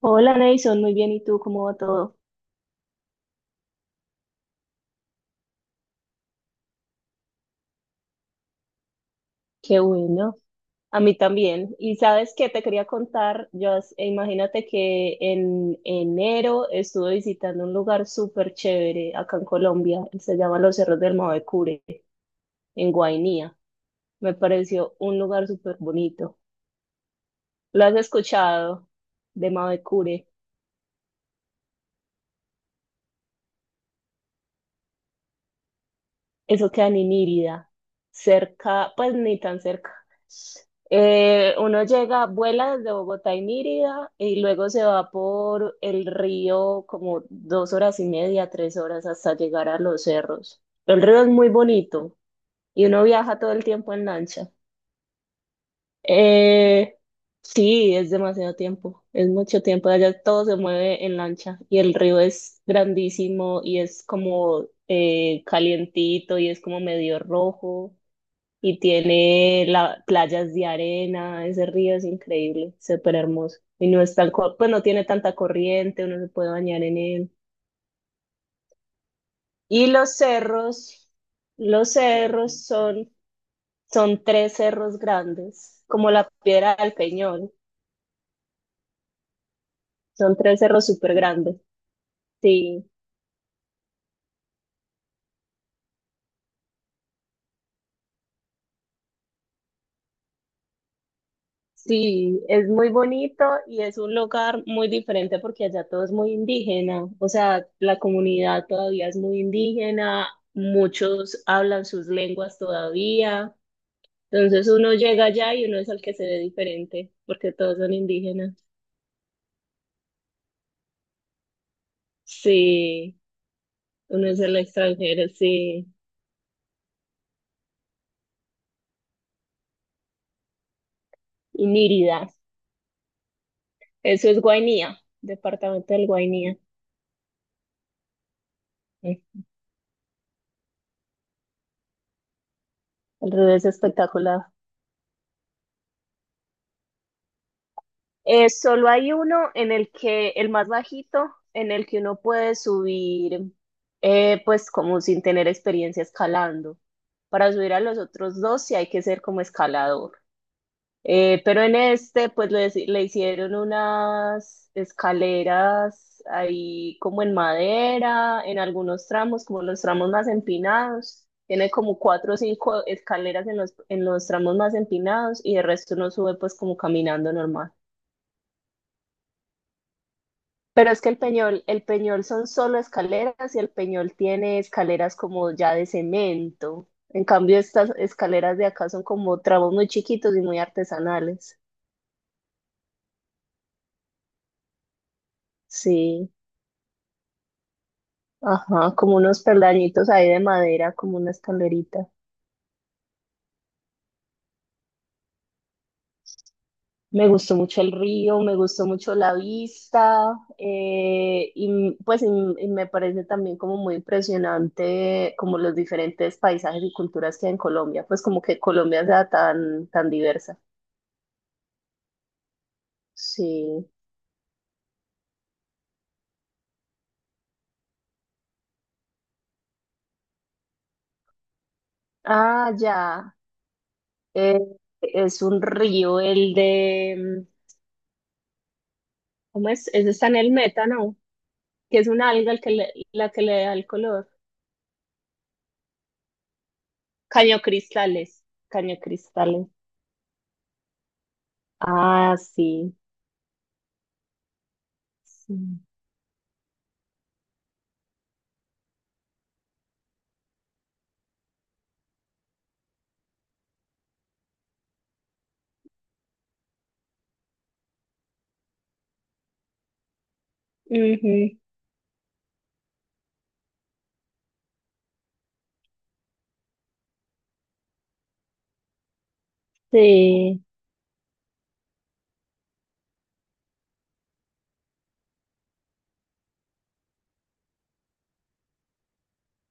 Hola, Nason, muy bien. ¿Y tú cómo va todo? Qué bueno. A mí también. Y sabes que te quería contar, yo, imagínate que en enero estuve visitando un lugar súper chévere acá en Colombia. Se llama Los Cerros del Mavecure, en Guainía. Me pareció un lugar súper bonito. ¿Lo has escuchado de Mavecure? Eso queda en Inírida, cerca, pues ni tan cerca. Uno llega, vuela desde Bogotá a Inírida y luego se va por el río como dos horas y media, tres horas hasta llegar a los cerros. El río es muy bonito y uno viaja todo el tiempo en lancha. Eh, sí, es demasiado tiempo, es mucho tiempo. Allá todo se mueve en lancha y el río es grandísimo y es como calientito y es como medio rojo y tiene la, playas de arena, ese río es increíble, súper hermoso. Y no es tan, pues no tiene tanta corriente, uno se puede bañar en él. Y los cerros son, son tres cerros grandes, como la Piedra del Peñón, son tres cerros súper grandes. Sí, sí, es muy bonito y es un lugar muy diferente porque allá todo es muy indígena, o sea, la comunidad todavía es muy indígena, muchos hablan sus lenguas todavía, entonces uno llega allá y uno es el que se ve diferente porque todos son indígenas. Sí, uno es el extranjero, sí, y Nírida, eso es Guainía, departamento del Guainía. Mm, el río es espectacular. Solo hay uno en el que, el más bajito, en el que uno puede subir, pues como sin tener experiencia escalando. Para subir a los otros dos sí hay que ser como escalador. Pero en este, pues le hicieron unas escaleras ahí como en madera, en algunos tramos, como los tramos más empinados. Tiene como cuatro o cinco escaleras en los tramos más empinados y el resto uno sube pues como caminando normal. Pero es que el Peñol son solo escaleras y el Peñol tiene escaleras como ya de cemento. En cambio, estas escaleras de acá son como tramos muy chiquitos y muy artesanales. Sí, ajá, como unos peldañitos ahí de madera, como una escalerita. Me gustó mucho el río, me gustó mucho la vista, y me parece también como muy impresionante como los diferentes paisajes y culturas que hay en Colombia, pues como que Colombia sea tan, tan diversa. Sí. Ah, ya. Eh, es un río, el de... mm, ¿cómo es? Ese está en el metano, que es una alga la que le da el color. Caño Cristales. Caño Cristales. Ah, sí. Sí. Ujú. Sí.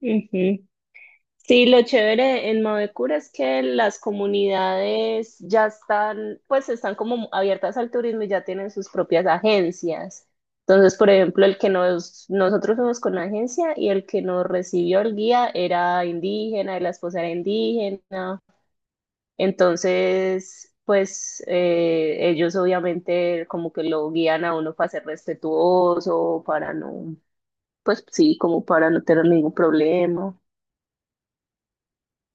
Ujú. Sí, lo chévere en Mavecura es que las comunidades ya están, pues están como abiertas al turismo y ya tienen sus propias agencias. Entonces, por ejemplo, nosotros fuimos con la agencia y el que nos recibió el guía era indígena, y la esposa era indígena. Entonces, pues ellos obviamente como que lo guían a uno para ser respetuoso, para no, pues sí, como para no tener ningún problema.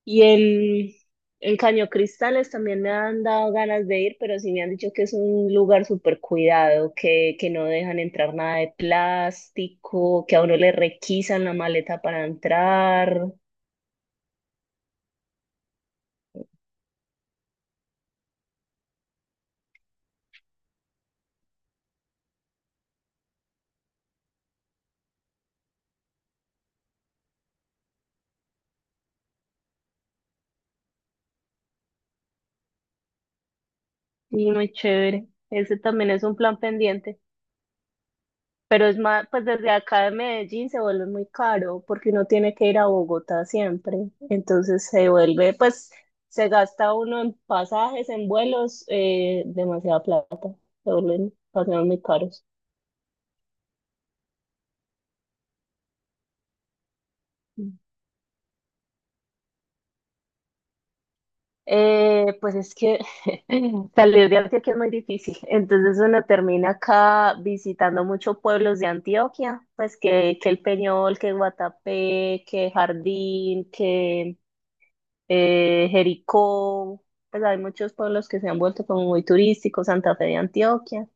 Y en Caño Cristales también me han dado ganas de ir, pero sí me han dicho que es un lugar súper cuidado, que no dejan entrar nada de plástico, que a uno le requisan la maleta para entrar. Y muy chévere. Ese también es un plan pendiente. Pero es más, pues desde acá de Medellín se vuelve muy caro porque uno tiene que ir a Bogotá siempre. Entonces se vuelve, pues se gasta uno en pasajes, en vuelos, demasiada plata. Se vuelven pasajes muy caros. Mm. Pues es que salir de Antioquia es muy difícil. Entonces uno termina acá visitando muchos pueblos de Antioquia, pues que El Peñol, que Guatapé, que Jardín, que Jericó, pues hay muchos pueblos que se han vuelto como muy turísticos, Santa Fe de Antioquia.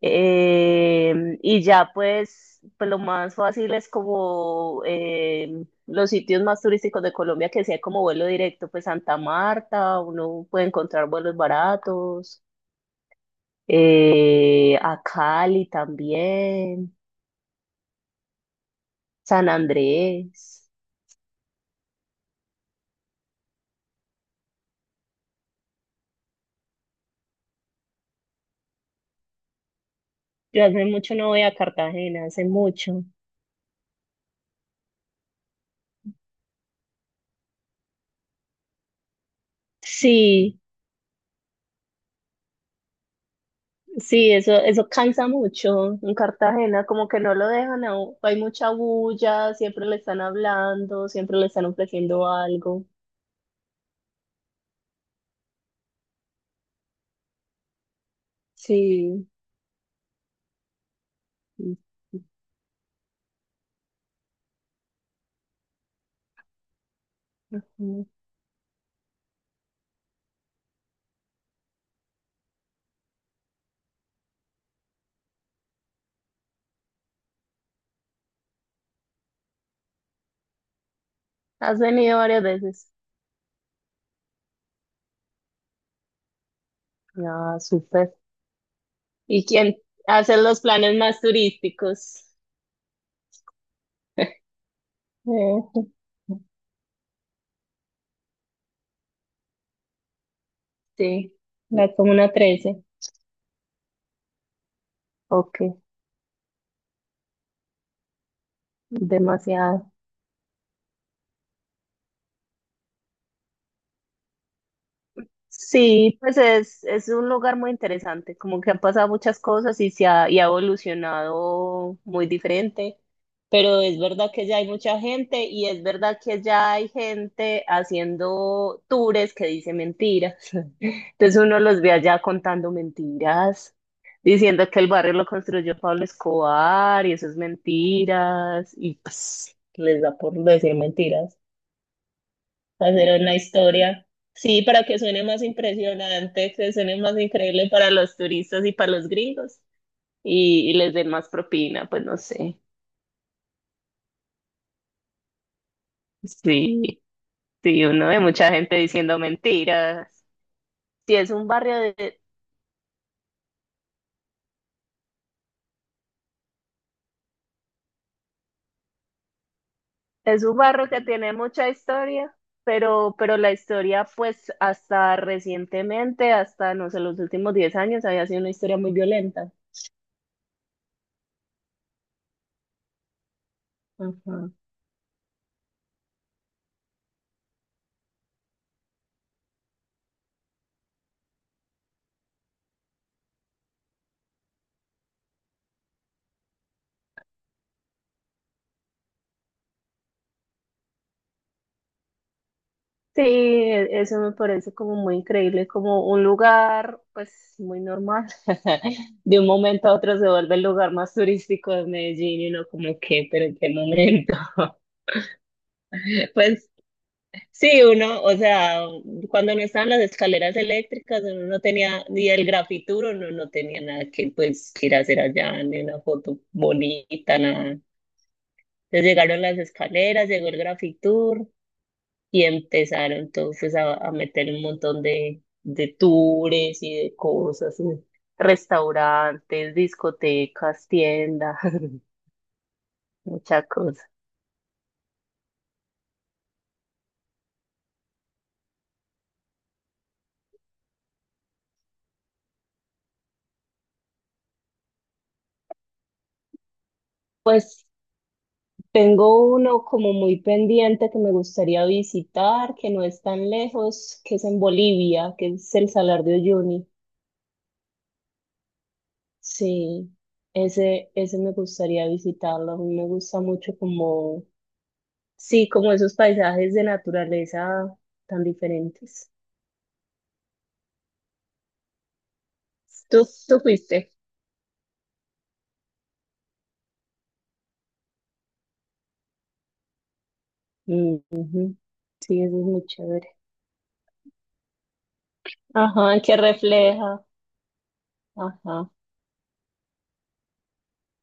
Y ya pues, pues lo más fácil es como los sitios más turísticos de Colombia que sea como vuelo directo, pues Santa Marta, uno puede encontrar vuelos baratos, a Cali también, San Andrés. Yo hace mucho no voy a Cartagena, hace mucho. Sí. Sí, eso cansa mucho en Cartagena, como que no lo dejan hay mucha bulla, siempre le están hablando, siempre le están ofreciendo algo. Sí. Mm. Has venido varias veces. Ah, súper. ¿Y quién hace los planes más turísticos? Eh, sí, la Comuna 13. Ok, demasiado. Sí, pues es un lugar muy interesante, como que han pasado muchas cosas y se ha, y ha evolucionado muy diferente, pero es verdad que ya hay mucha gente y es verdad que ya hay gente haciendo tours que dice mentiras. Entonces uno los ve allá contando mentiras, diciendo que el barrio lo construyó Pablo Escobar y eso es mentiras y pues les da por decir mentiras hacer una historia. Sí, para que suene más impresionante, que suene más increíble para los turistas y para los gringos y les den más propina, pues no sé. Sí, sí, uno ve mucha gente diciendo mentiras. Sí, es un barrio de, es un barrio que tiene mucha historia, pero la historia, pues hasta recientemente, hasta no sé, los últimos 10 años, había sido una historia muy violenta. Ajá. Sí, eso me parece como muy increíble, como un lugar, pues muy normal. De un momento a otro se vuelve el lugar más turístico de Medellín y uno como que, pero ¿en qué momento? Pues sí, uno, o sea, cuando no estaban las escaleras eléctricas, uno no tenía, ni el grafituro, uno no tenía nada que pues ir a hacer allá, ni una foto bonita, nada. Entonces llegaron las escaleras, llegó el grafitur. Y empezaron entonces a meter un montón de tours y de cosas, y restaurantes, discotecas, tiendas, muchas cosas. Pues tengo uno como muy pendiente que me gustaría visitar, que no es tan lejos, que es en Bolivia, que es el Salar de Uyuni. Sí, ese me gustaría visitarlo. A mí me gusta mucho como, sí, como esos paisajes de naturaleza tan diferentes. Tú fuiste. Ujú. Sí, eso es muy chévere. Ajá, que refleja. Ajá,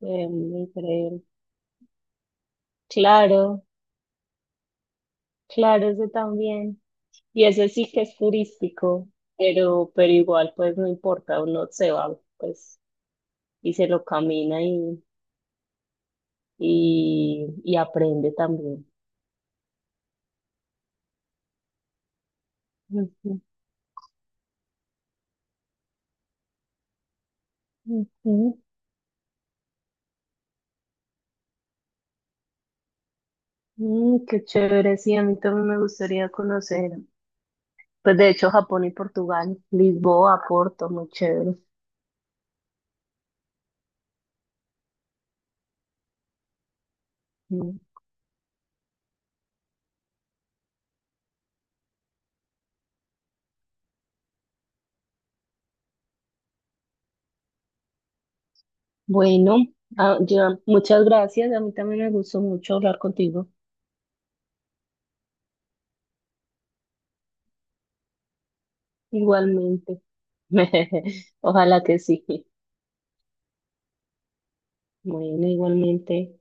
increíble. Claro, claro, ese también. Y ese sí que es turístico, pero igual, pues no importa, uno se va, pues, y se lo camina y aprende también. Ujú, ujú. Mm, qué chévere, sí, a mí también me gustaría conocer. Pues de hecho, Japón y Portugal, Lisboa, Porto, muy chévere. Mm. Bueno, ya, muchas gracias. A mí también me gustó mucho hablar contigo. Igualmente. Ojalá que sí. Bueno, igualmente.